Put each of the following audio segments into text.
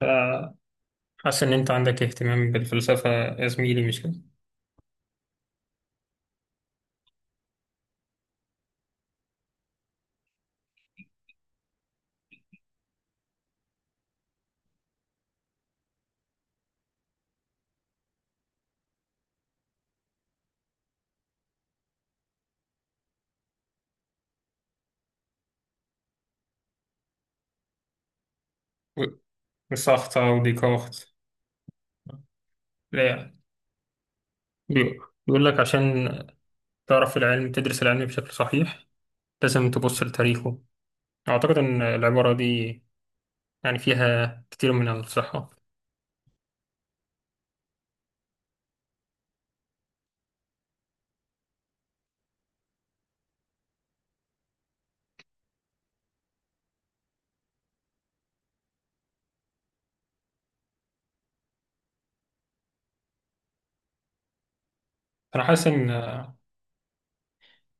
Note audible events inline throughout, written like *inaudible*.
فحاسس إن أنت عندك اهتمام بالفلسفة يا زميلي، مش كده؟ و- وسارتر وديكارت. لا، يعني بي- بيقول لك عشان تعرف العلم، تدرس العلم بشكل صحيح لازم تبص لتاريخه. أعتقد إن العبارة دي يعني فيها كتير من الصحة. أنا حاسس إن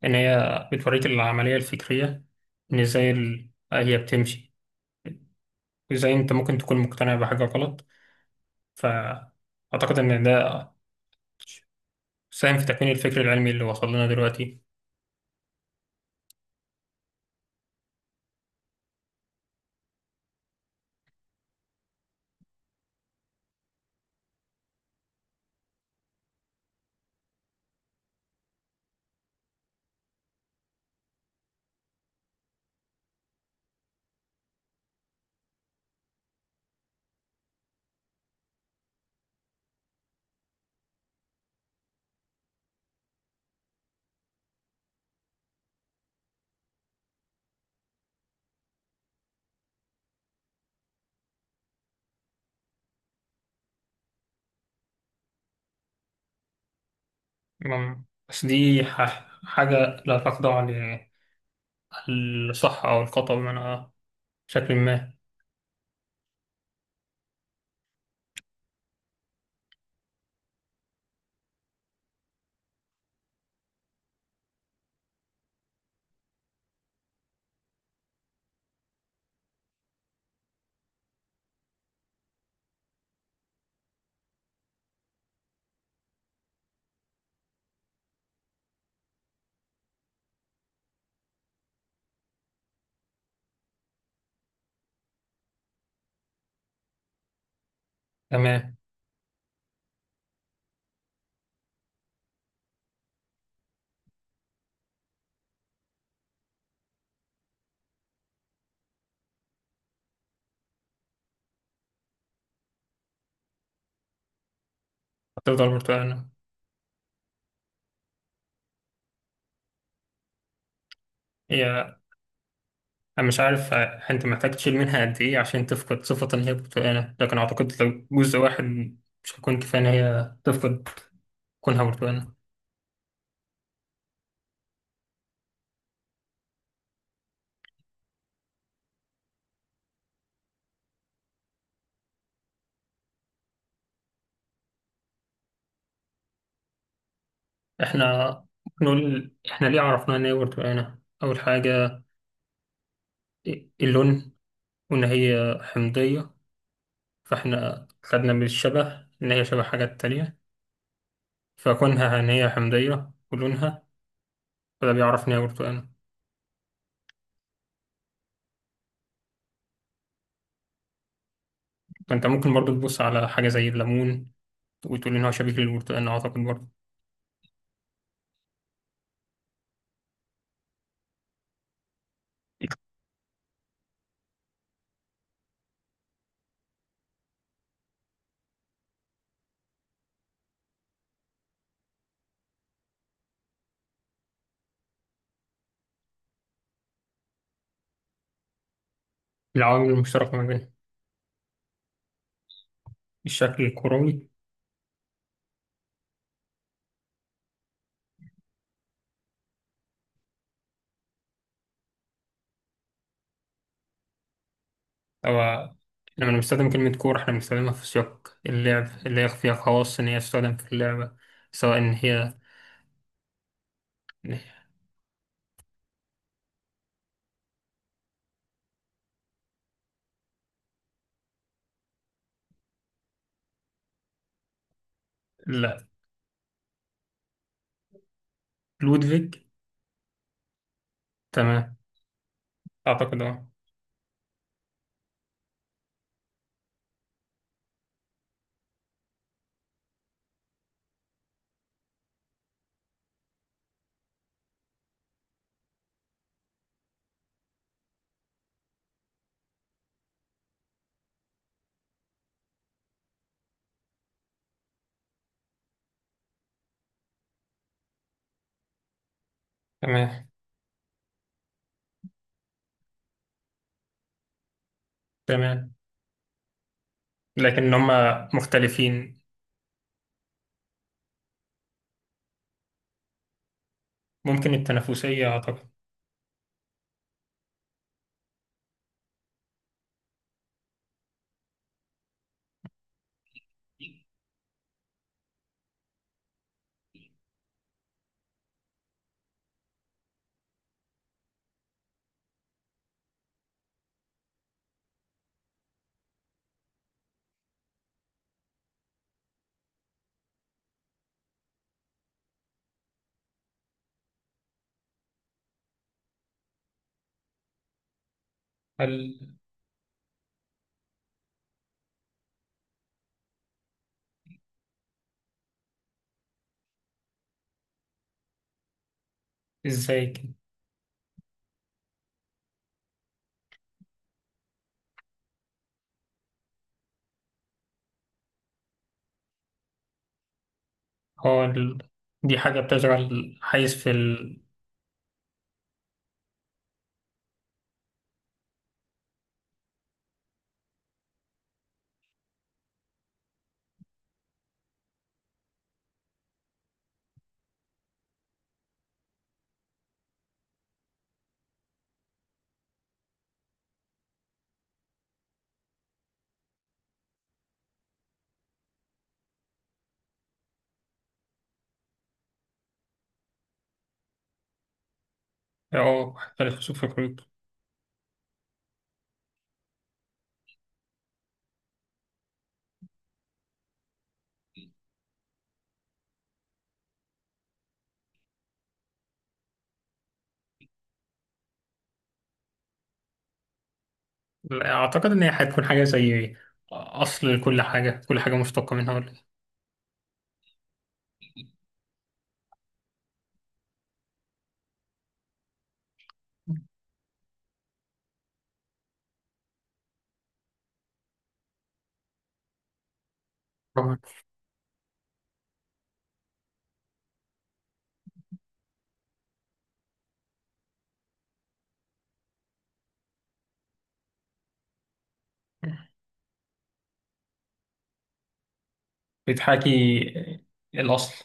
إن هي بتوريك العملية الفكرية، إن إزاي هي بتمشي، وإزاي أنت ممكن تكون مقتنع بحاجة غلط. فأعتقد إن ده ساهم في تكوين الفكر العلمي اللي وصل لنا دلوقتي. مم. بس دي حاجة لا تخضع للصحة أو الخطأ، بمعنى بشكل ما. تمام. هتفضل برتقانة. هي أنا مش عارف أنت محتاج تشيل منها قد إيه عشان تفقد صفة إن هي برتقانة، لكن أعتقد لو جزء واحد مش هيكون كفاية إن هي تفقد كونها برتقانة. إحنا ممكن نقول إحنا ليه عرفنا إن هي برتقانة؟ أول حاجة اللون، وإن هي حمضية. فإحنا خدنا من الشبه إن هي شبه حاجات تانية، فكونها هنية حمضية ولونها، فده بيعرف إن هي برتقانة. فأنت ممكن برضو تبص على حاجة زي الليمون، وتقول إن هو شبيه للبرتقال أعتقد برضو. العوامل المشتركة ما بينهم. الشكل الكروي. أو لما بنستخدم كلمة كورة، إحنا بنستخدمها في سياق اللعب، اللي هي فيها خواص إن هي تستخدم في اللعبة، سواء إن هي. لا، لودفيج. تمام. أعتقد أه. تمام، تمام. لكن هما مختلفين. ممكن التنافسية أعتقد. هل إزاي هو ال... دي حاجة بتشغل حيز في ال اه الخسوف في الخيوط. لا، أعتقد إن هي هتكون حاجة زي أصل لكل حاجة، كل حاجة مشتقة منها، ولا إيه؟ طبعاً. بتحاكي الأصل.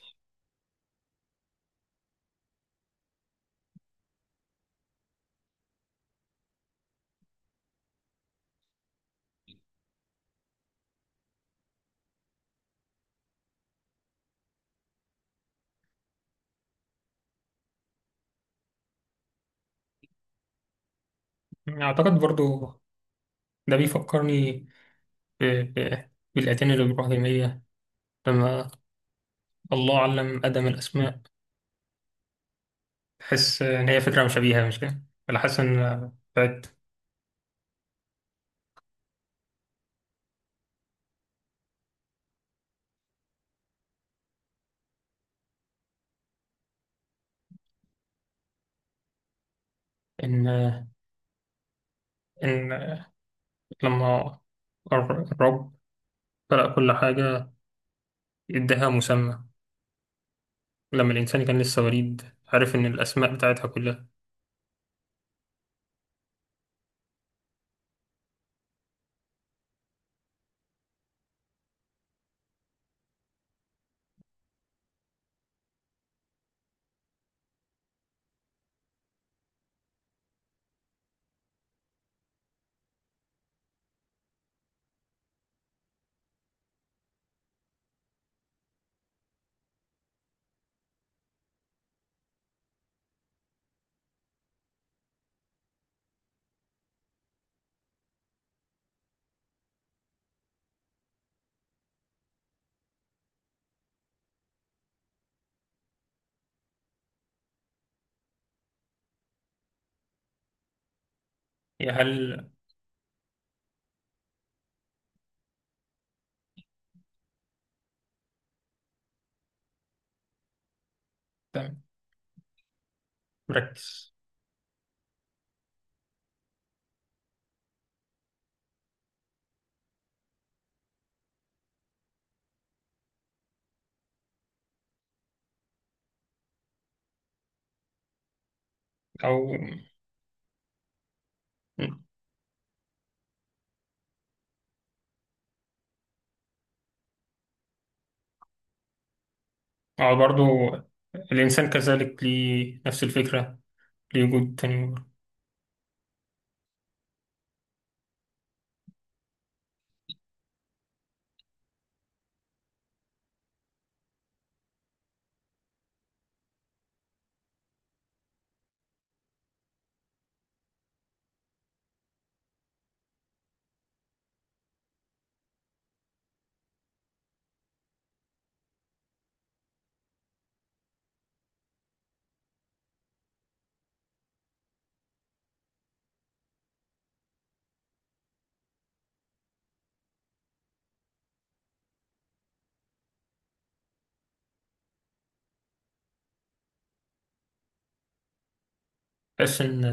أعتقد برضو ده بيفكرني بالأديان الإبراهيمية، لما الله علم آدم الأسماء. تحس إن هي فكرة مشابهة مش كده؟ ولا حاسس إن بتاعت إن إن لما الرب خلق كل حاجة اداها مسمى، لما الإنسان كان لسه وليد عارف إن الأسماء بتاعتها كلها. هي هل تمام. مركز. أو أو برضو الإنسان كذلك ليه نفس الفكرة، ليه وجود تاني برضه. بحس إن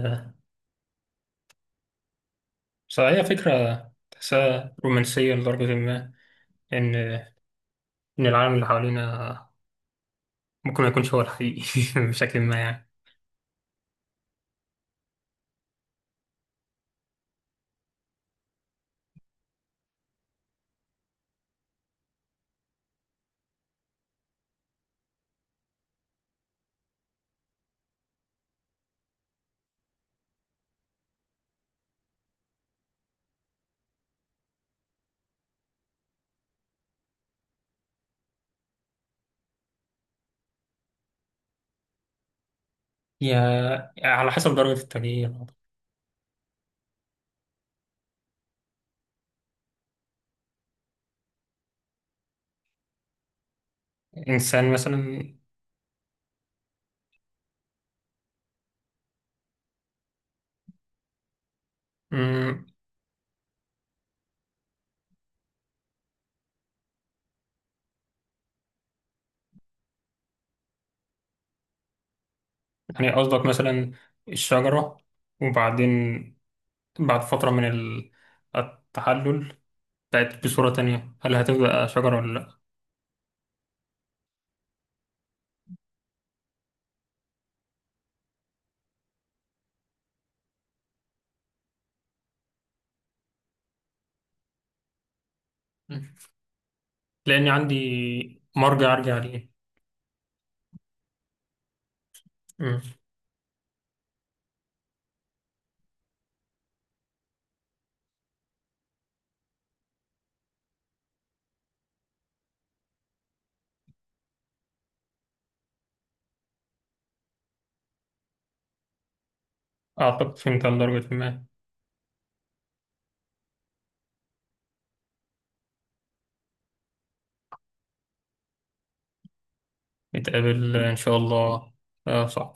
بصراحة هي فكرة تحسها رومانسية لدرجة ما، إن إن العالم اللي حوالينا ممكن ما يكونش هو الحقيقي *laughs* بشكل ما يعني. يا على حسب درجة التغيير. إنسان مثلا. يعني قصدك مثلا الشجرة وبعدين بعد فترة من التحلل بقت بصورة تانية، هل هتبقى شجرة ولا لأ؟ مم. لأن عندي مرجع أرجع ليه. مم. أعتقد فهمت على درجة ما. نتقابل إن شاء الله. صح.